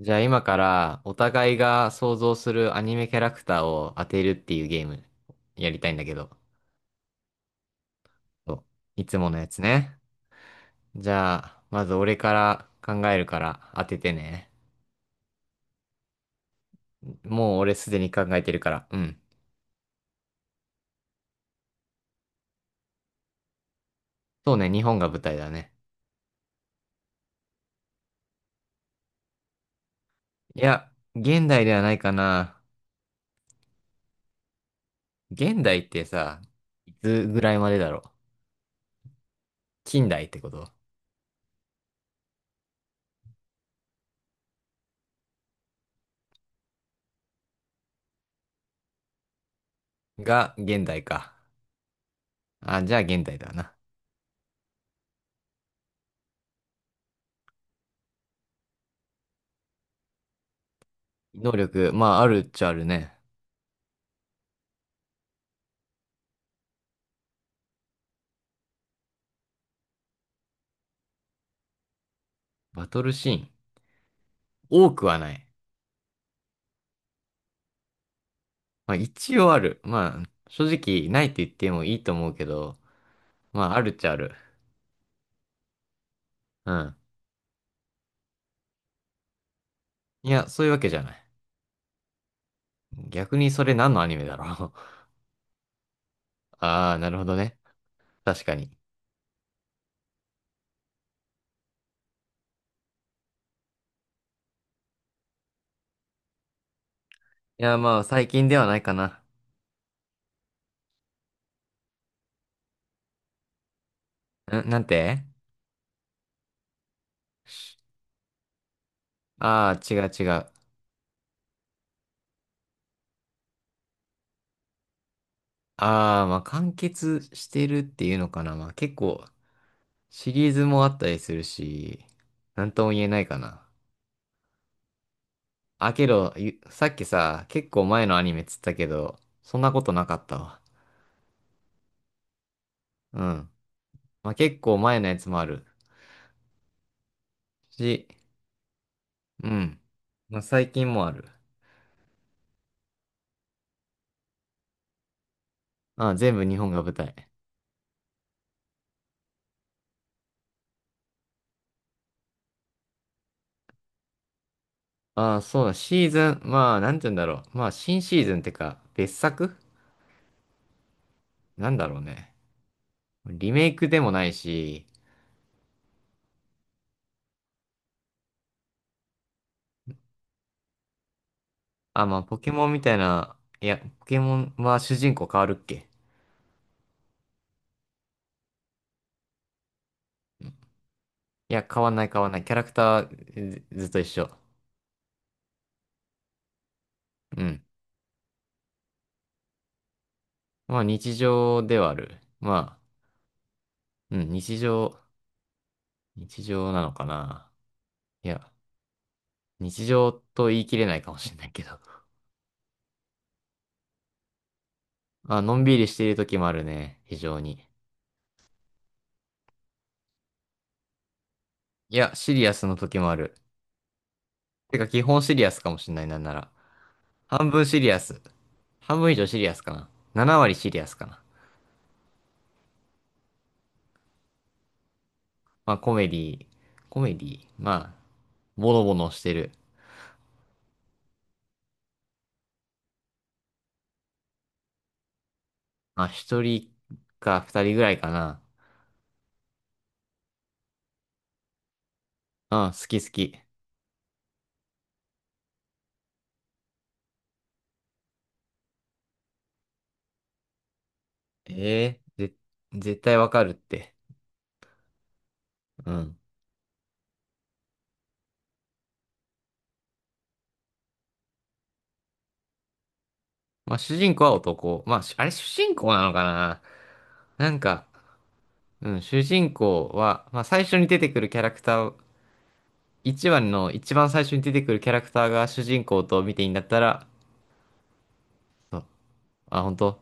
じゃあ今からお互いが想像するアニメキャラクターを当てるっていうゲームやりたいんだけど。そう、いつものやつね。じゃあ、まず俺から考えるから当ててね。もう俺すでに考えてるから。うん。そうね、日本が舞台だね。いや、現代ではないかな。現代ってさ、いつぐらいまでだろう。近代ってこと？が現代か。あ、じゃあ現代だな。能力、まああるっちゃあるね。バトルシーン。多くはない。まあ一応ある。まあ正直ないと言ってもいいと思うけど、まああるっちゃある。うん。いや、そういうわけじゃない。逆にそれ何のアニメだろう。ああ、なるほどね。確かに。いや、まあ最近ではないかな。ん、なんて？ああー、違う違う。ああ、まあ完結してるっていうのかな。まあ結構シリーズもあったりするし、なんとも言えないかな。あ、けど、ゆ、さっきさ、結構前のアニメっつったけど、そんなことなかったわ。うん。まあ結構前のやつもあるし、うん。まあ最近もある。ああ、全部日本が舞台。ああ、そうだ、シーズン、まあなんて言うんだろう。まあ新シーズンってか、別作、なんだろうね。リメイクでもないし、あ、まあポケモンみたいな、いや、ポケモンは主人公変わるっけ？いや、変わんない。キャラクターずっと一緒。うん。まあ日常ではある。まあ、うん、日常、日常なのかな。いや、日常と言い切れないかもしれないけど。あ、のんびりしている時もあるね。非常に。いや、シリアスの時もある。てか、基本シリアスかもしれない、なんなら。半分シリアス。半分以上シリアスかな。7割シリアスかな。まあ、コメディ、まあ、ボロボロしてる。まあ、一人か二人ぐらいかな。うん、好き好き。ええぜ、絶対わかるって。うん。まあ、主人公は男。まあ、し、あれ主人公なのかな？なんか、うん、主人公は、まあ、最初に出てくるキャラクター一番の一番最初に出てくるキャラクターが主人公と見ていいんだったら、そう。あ、本当？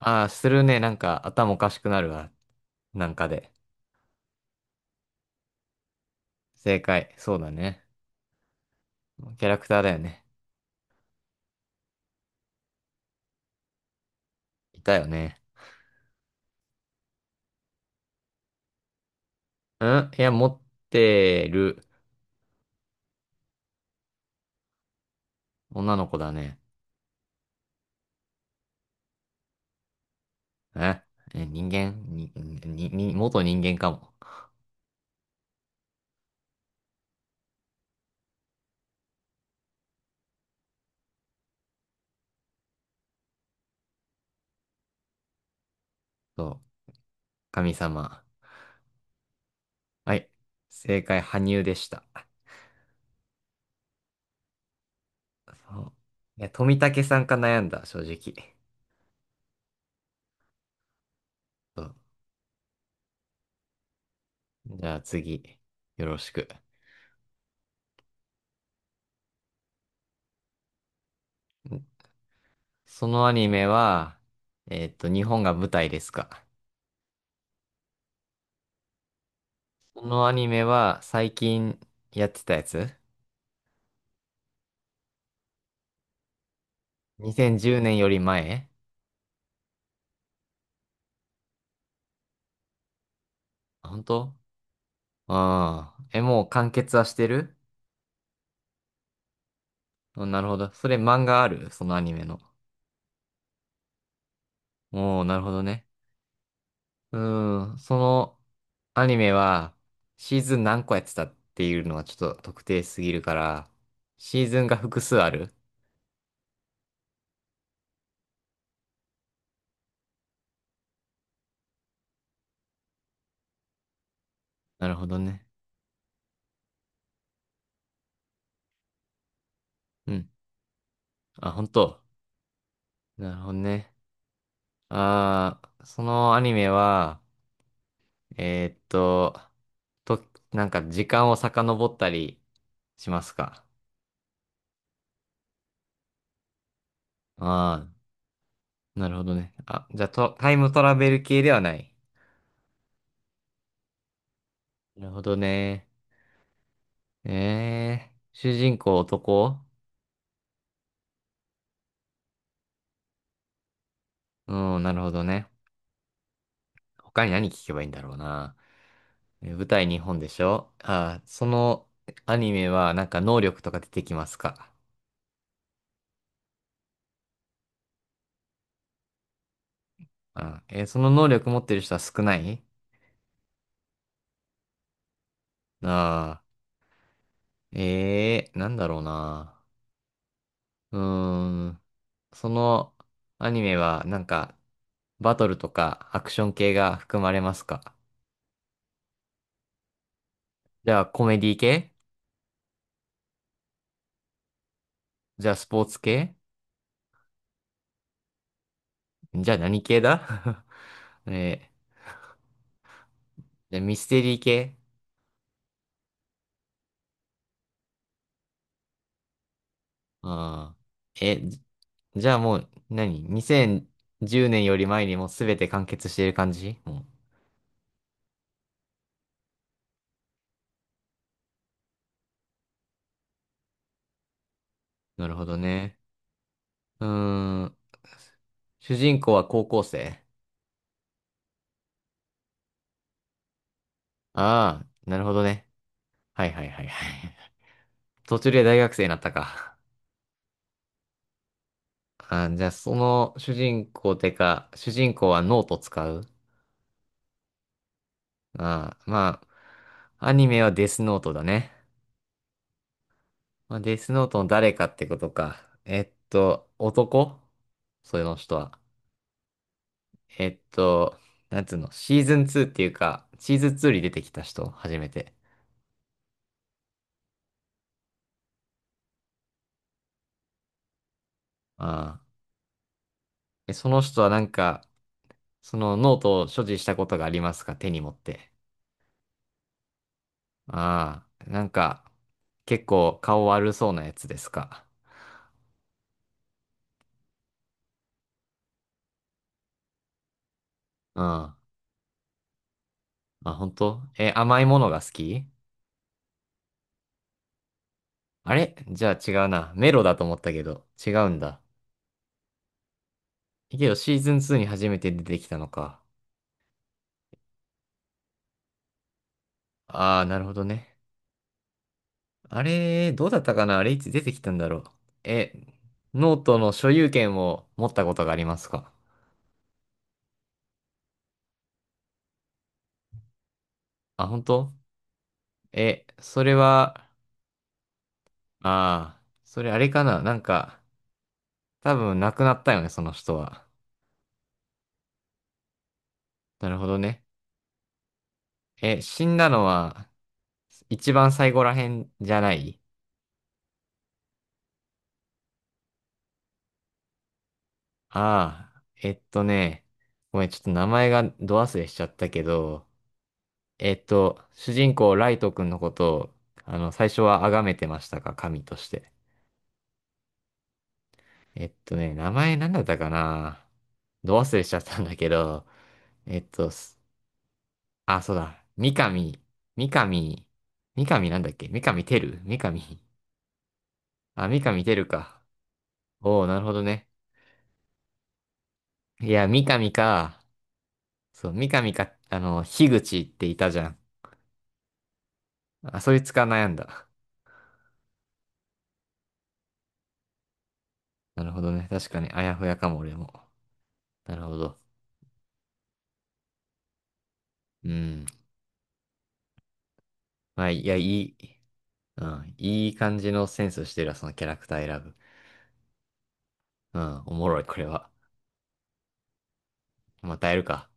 ああー、するね。なんか頭おかしくなるわ。なんかで。正解。そうだね。キャラクターだよね。いたよね。うん、いや、持ってる。女の子だね。ええ、人間に、に、に、元人間かも。そう。神様。はい。正解、羽生でした。そう。いや、富武さんか悩んだ、正直。そう。じゃあ次、よろしく。そのアニメは、えっと、日本が舞台ですか。そのアニメは最近やってたやつ？ 2010 年より前？あ本当？ああー。え、もう完結はしてる？うん、なるほど。それ漫画ある？そのアニメの。おー、なるほどね。うーん、そのアニメはシーズン何個やってたっていうのはちょっと特定すぎるから、シーズンが複数ある？なるほどね。うん。あ、本当？なるほどね。ああ、そのアニメは、えーっと、と、なんか時間を遡ったりしますか。ああ、なるほどね。あ、じゃあと、タイムトラベル系ではない。なるほどね。ええ、主人公男？うん、なるほどね。他に何聞けばいいんだろうな。え舞台日本でしょ？ああ、そのアニメはなんか能力とか出てきますか。あ、えー、その能力持ってる人は少ない？ああ。ええー、なんだろうな。うーん。そのアニメはなんかバトルとかアクション系が含まれますか？じゃあコメディ系？じゃあスポーツ系？じゃあ何系だ？ えー、じゃあミステリー系？あー、え、じ、じゃあもう何？ 2010 年より前にもうすべて完結している感じ？もう、なるほどね。うーん。主人公は高校生？ああー、なるほどね。はいはいはいはい。途中で大学生になったか。あ、じゃあ、その主人公てか、主人公はノート使う？あま、あ、アニメはデスノートだね。まあ、デスノートの誰かってことか。えっと、男？それの人は。えっと、なんつうの、シーズン2っていうか、シーズン2に出てきた人、初めて。ああ。え、その人はなんか、そのノートを所持したことがありますか？手に持って。ああ。なんか、結構顔悪そうなやつですか。あ、本当？え、甘いものが好き？あれじゃあ違うな。メロだと思ったけど、違うんだ。けどシーズン2に初めて出てきたのか。ああ、なるほどね。あれ、どうだったかな？あれいつ出てきたんだろう。え、ノートの所有権を持ったことがありますか？あ、本当？え、それは、ああ、それあれかな？なんか、多分亡くなったよね、その人は。なるほどね。え、死んだのは、一番最後らへんじゃない？ああ、えっとね、ごめん、ちょっと名前がど忘れしちゃったけど、えっと、主人公ライト君のことを、あの、最初は崇めてましたか、神として。えっとね、名前なんだったかな？ど忘れしちゃったんだけど、えっと、す、あ、そうだ、三上、三上、三上なんだっけ？三上てる三上。あ、三上てるか。おお、なるほどね。いや、三上か、そう、三上か、あの、樋口っていたじゃん。あ、そいつか悩んだ。なるほどね。確かに、あやふやかも、俺も。なるほど。うん。まあ、いや、いい、うん。いい感じのセンスしてるわ、そのキャラクター選ぶ。うん。おもろい、これは。またやるか。